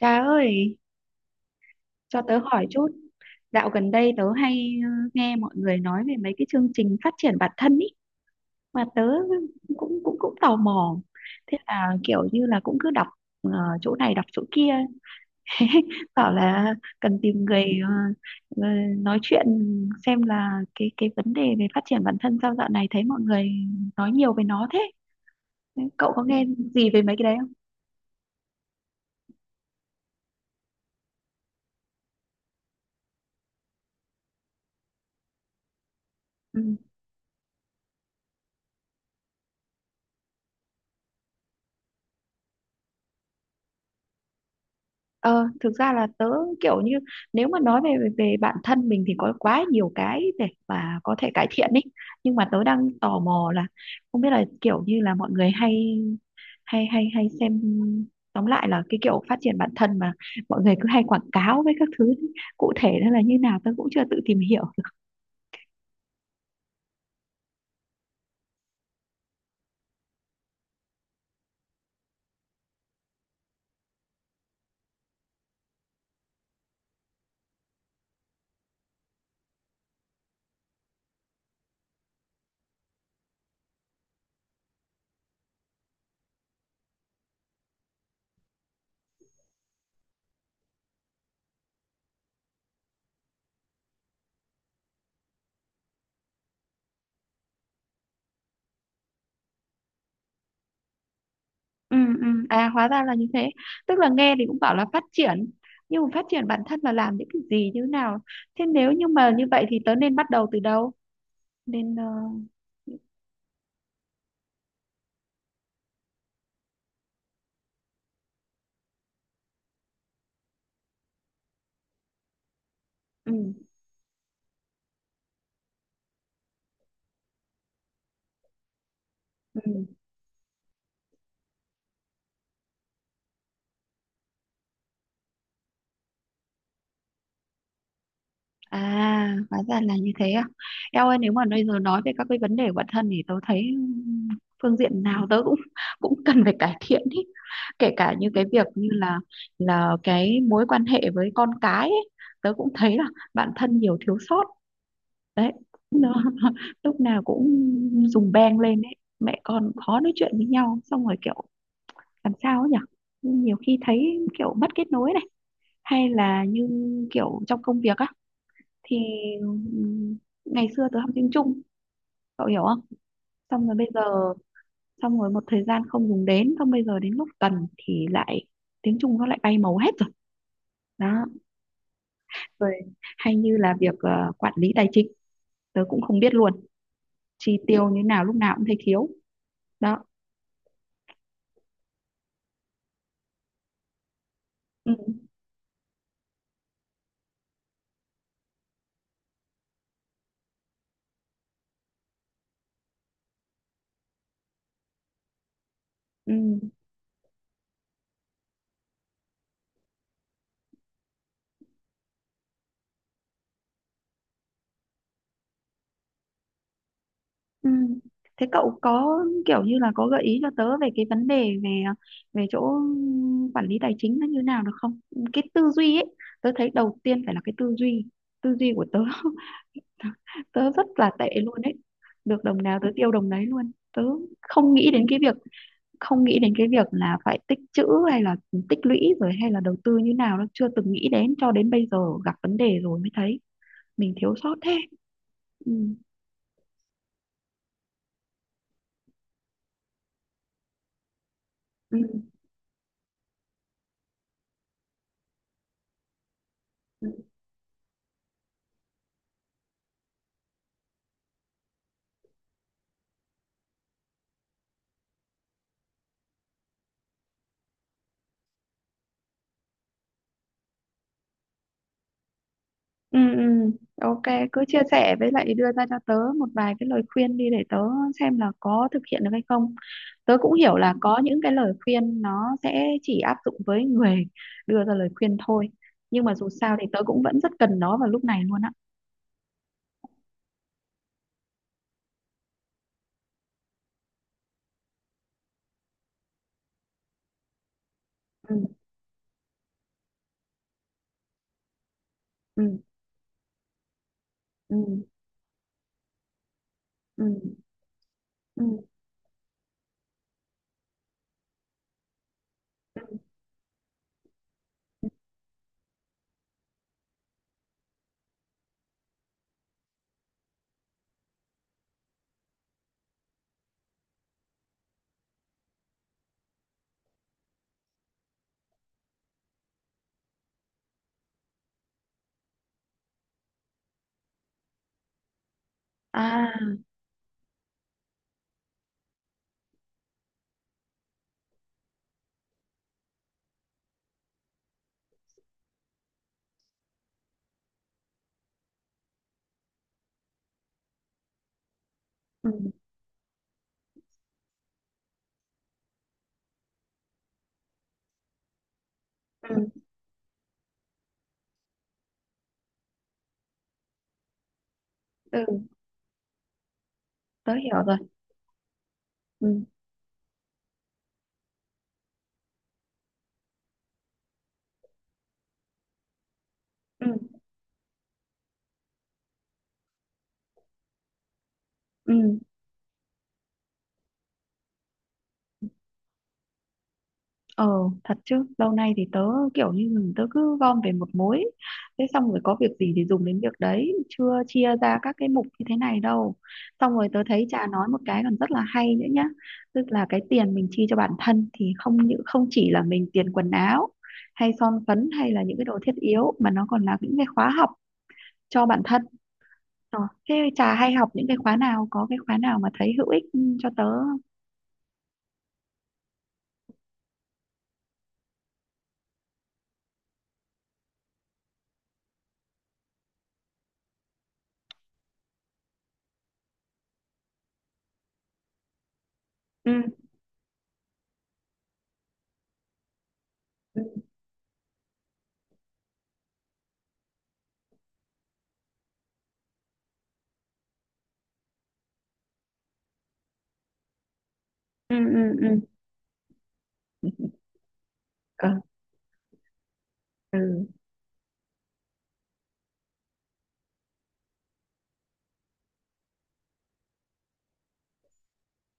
Trà ơi, cho tớ hỏi chút. Dạo gần đây tớ hay nghe mọi người nói về mấy cái chương trình phát triển bản thân ý mà tớ cũng cũng cũng tò mò. Thế là kiểu như là cũng cứ đọc ờ, chỗ này đọc chỗ kia, thế bảo là cần tìm người ờ, nói chuyện xem là cái vấn đề về phát triển bản thân sao dạo này thấy mọi người nói nhiều về nó thế. Cậu có nghe gì về mấy cái đấy không? Ừ. Ờ, thực ra là tớ kiểu như nếu mà nói về về bản thân mình thì có quá nhiều cái để mà có thể cải thiện ý, nhưng mà tớ đang tò mò là không biết là kiểu như là mọi người hay hay hay hay xem, tóm lại là cái kiểu phát triển bản thân mà mọi người cứ hay quảng cáo với các thứ cụ thể nó là như nào tớ cũng chưa tự tìm hiểu. Ừ. À, hóa ra là như thế, tức là nghe thì cũng bảo là phát triển nhưng mà phát triển bản thân là làm những cái gì, như thế nào? Thế nếu như mà như vậy thì tớ nên bắt đầu từ đâu, nên ừ ừ à hóa ra là như thế à. Eo ơi, nếu mà bây giờ nói về các cái vấn đề của bản thân thì tôi thấy phương diện nào tớ cũng cũng cần phải cải thiện ý, kể cả như cái việc như là cái mối quan hệ với con cái ấy, tớ cũng thấy là bản thân nhiều thiếu sót đấy, nó lúc nào cũng dùng beng lên ấy, mẹ con khó nói chuyện với nhau, xong rồi kiểu làm sao ấy nhỉ, nhiều khi thấy kiểu mất kết nối này, hay là như kiểu trong công việc á thì ngày xưa tớ học tiếng Trung, cậu hiểu không, xong rồi bây giờ xong rồi một thời gian không dùng đến, xong bây giờ đến lúc cần thì lại tiếng Trung nó lại bay màu hết rồi đó. Rồi hay như là việc quản lý tài chính, tớ cũng không biết luôn, chi tiêu như nào lúc nào cũng thấy thiếu đó. ừ, ừ, ừ. Thế cậu có kiểu như là có gợi ý cho tớ về cái vấn đề về về chỗ quản lý tài chính nó như nào được không? Cái tư duy ấy, tớ thấy đầu tiên phải là cái tư duy, tư duy của tớ tớ rất là tệ luôn đấy, được đồng nào tớ tiêu đồng đấy luôn, tớ không nghĩ đến cái việc không nghĩ đến cái việc là phải tích trữ hay là tích lũy rồi hay là đầu tư như nào, nó chưa từng nghĩ đến cho đến bây giờ gặp vấn đề rồi mới thấy mình thiếu sót thế. Ừ. Ừ. Ừ, ừ, ok, cứ chia sẻ với lại đưa ra cho tớ một vài cái lời khuyên đi để tớ xem là có thực hiện được hay không. Tớ cũng hiểu là có những cái lời khuyên nó sẽ chỉ áp dụng với người đưa ra lời khuyên thôi. Nhưng mà dù sao thì tớ cũng vẫn rất cần nó vào lúc này luôn á. Ừ, ừ, ừ, ừ, ừ, ừ. À, ừ, ừ, ừ, tớ hiểu rồi. Ừ, ừ, ừ. Ờ, thật chứ lâu nay thì tớ kiểu như tớ cứ gom về một mối, thế xong rồi có việc gì thì dùng đến việc đấy, chưa chia ra các cái mục như thế này đâu. Xong rồi tớ thấy Trà nói một cái còn rất là hay nữa nhá, tức là cái tiền mình chi cho bản thân thì không những không chỉ là mình tiền quần áo hay son phấn hay là những cái đồ thiết yếu mà nó còn là những cái khóa học cho bản thân. Ờ, thế Trà hay học những cái khóa nào, có cái khóa nào mà thấy hữu ích cho tớ không? Ừ. Ừ. Ừ. Ừ. Ừ. ừ, ừ.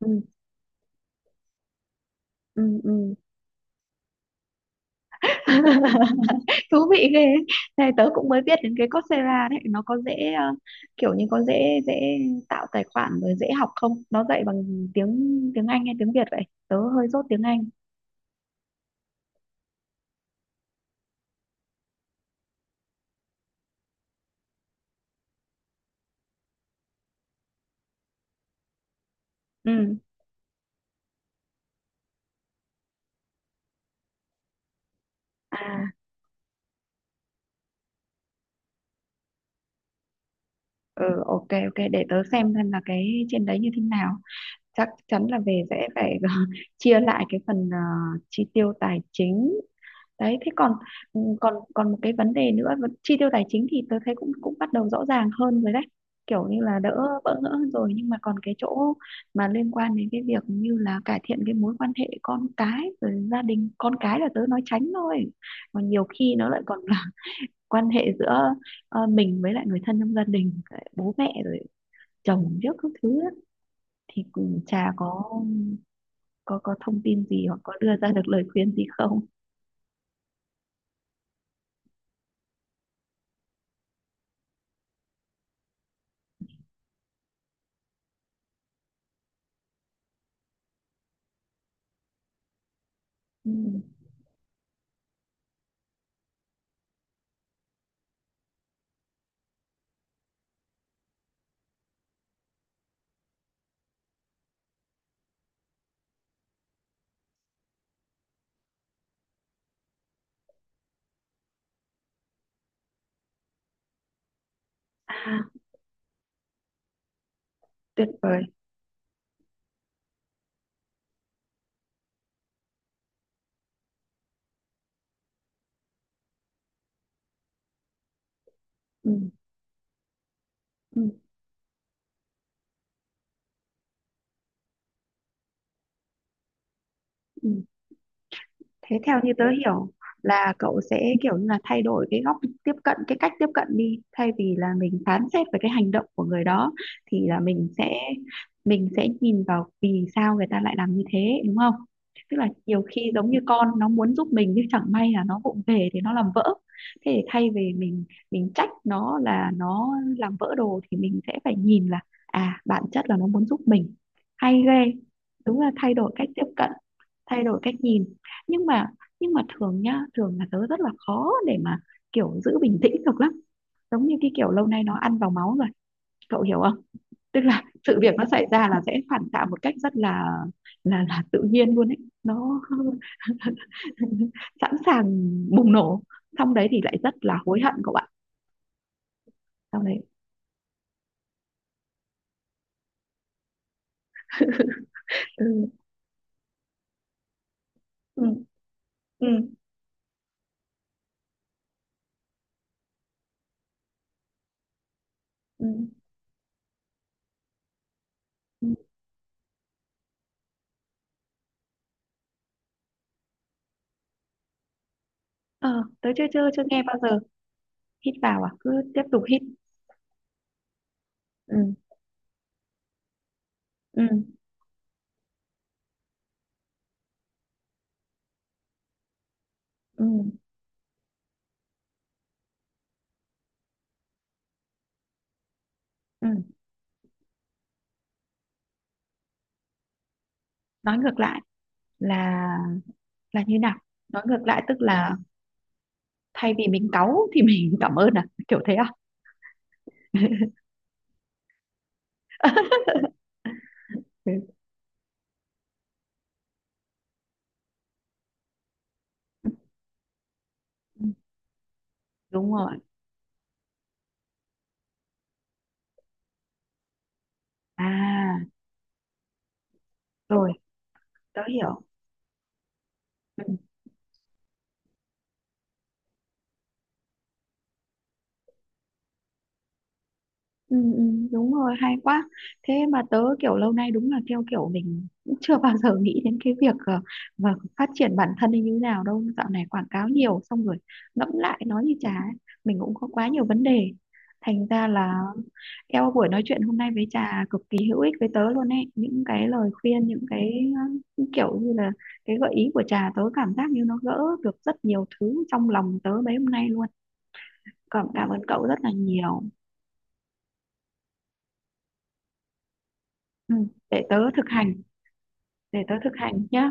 ừ. Ừm. Thú vị ghê ấy. Này tớ cũng mới biết đến cái Coursera đấy, nó có dễ kiểu như có dễ dễ tạo tài khoản rồi dễ học không? Nó dạy bằng tiếng tiếng Anh hay tiếng Việt vậy? Tớ hơi dốt tiếng Anh. Ừ. À, ừ, ok ok, để tớ xem là cái trên đấy như thế nào. Chắc chắn là về sẽ phải chia lại cái phần chi tiêu tài chính đấy. Thế còn còn còn một cái vấn đề nữa, vấn- chi tiêu tài chính thì tôi thấy cũng cũng bắt đầu rõ ràng hơn rồi đấy, kiểu như là đỡ bỡ ngỡ hơn rồi, nhưng mà còn cái chỗ mà liên quan đến cái việc như là cải thiện cái mối quan hệ con cái rồi gia đình, con cái là tớ nói tránh thôi, còn nhiều khi nó lại còn là quan hệ giữa mình với lại người thân trong gia đình, bố mẹ rồi chồng trước các thứ á. Thì cũng chả có có thông tin gì hoặc có đưa ra được lời khuyên gì không? Ừ. À, tuyệt vời. Ừ. Ừ, ừ. Thế theo như tớ hiểu là cậu sẽ kiểu như là thay đổi cái góc tiếp cận, cái cách tiếp cận, đi thay vì là mình phán xét về cái hành động của người đó thì là mình sẽ nhìn vào vì sao người ta lại làm như thế, đúng không? Tức là nhiều khi giống như con nó muốn giúp mình nhưng chẳng may là nó vụng về thì nó làm vỡ, thế thì thay vì mình trách nó là nó làm vỡ đồ thì mình sẽ phải nhìn là à, bản chất là nó muốn giúp mình. Hay ghê, đúng là thay đổi cách tiếp cận, thay đổi cách nhìn. nhưng mà nhưng mà thường nhá, thường là tớ rất là khó để mà kiểu giữ bình tĩnh được lắm, giống như cái kiểu lâu nay nó ăn vào máu rồi, cậu hiểu không, tức là sự việc nó xảy ra là sẽ phản xạ một cách rất là tự nhiên luôn ấy, nó sẵn sàng bùng nổ, xong đấy thì lại rất là hối hận cậu ạ, sau đấy ừ. Ừ. Ừ. Ừ. Ừ. Ờ, tớ chưa chưa chưa nghe bao giờ. Hít vào à, cứ tiếp tục hít? Ừ. Ừ. Ừ. Ừ. Ừ. Nói ngược lại là như nào? Nói ngược lại tức là thay vì mình cáu thì mình cảm ơn à, kiểu thế à? Đúng rồi. À rồi, tớ hiểu. Ừ. Ừ, ừ, đúng rồi, hay quá. Thế mà tớ kiểu lâu nay đúng là theo kiểu mình cũng chưa bao giờ nghĩ đến cái việc mà phát triển bản thân như thế nào đâu, dạo này quảng cáo nhiều xong rồi ngẫm lại nói như chả ấy, mình cũng có quá nhiều vấn đề thành ra là eo, buổi nói chuyện hôm nay với Trà cực kỳ hữu ích với tớ luôn ấy, những cái lời khuyên, những cái kiểu như là cái gợi ý của Trà, tớ cảm giác như nó gỡ được rất nhiều thứ trong lòng tớ mấy hôm nay luôn, cảm cảm ơn cậu rất là nhiều. Ừ, để tớ thực hành, để tớ thực hành nhé.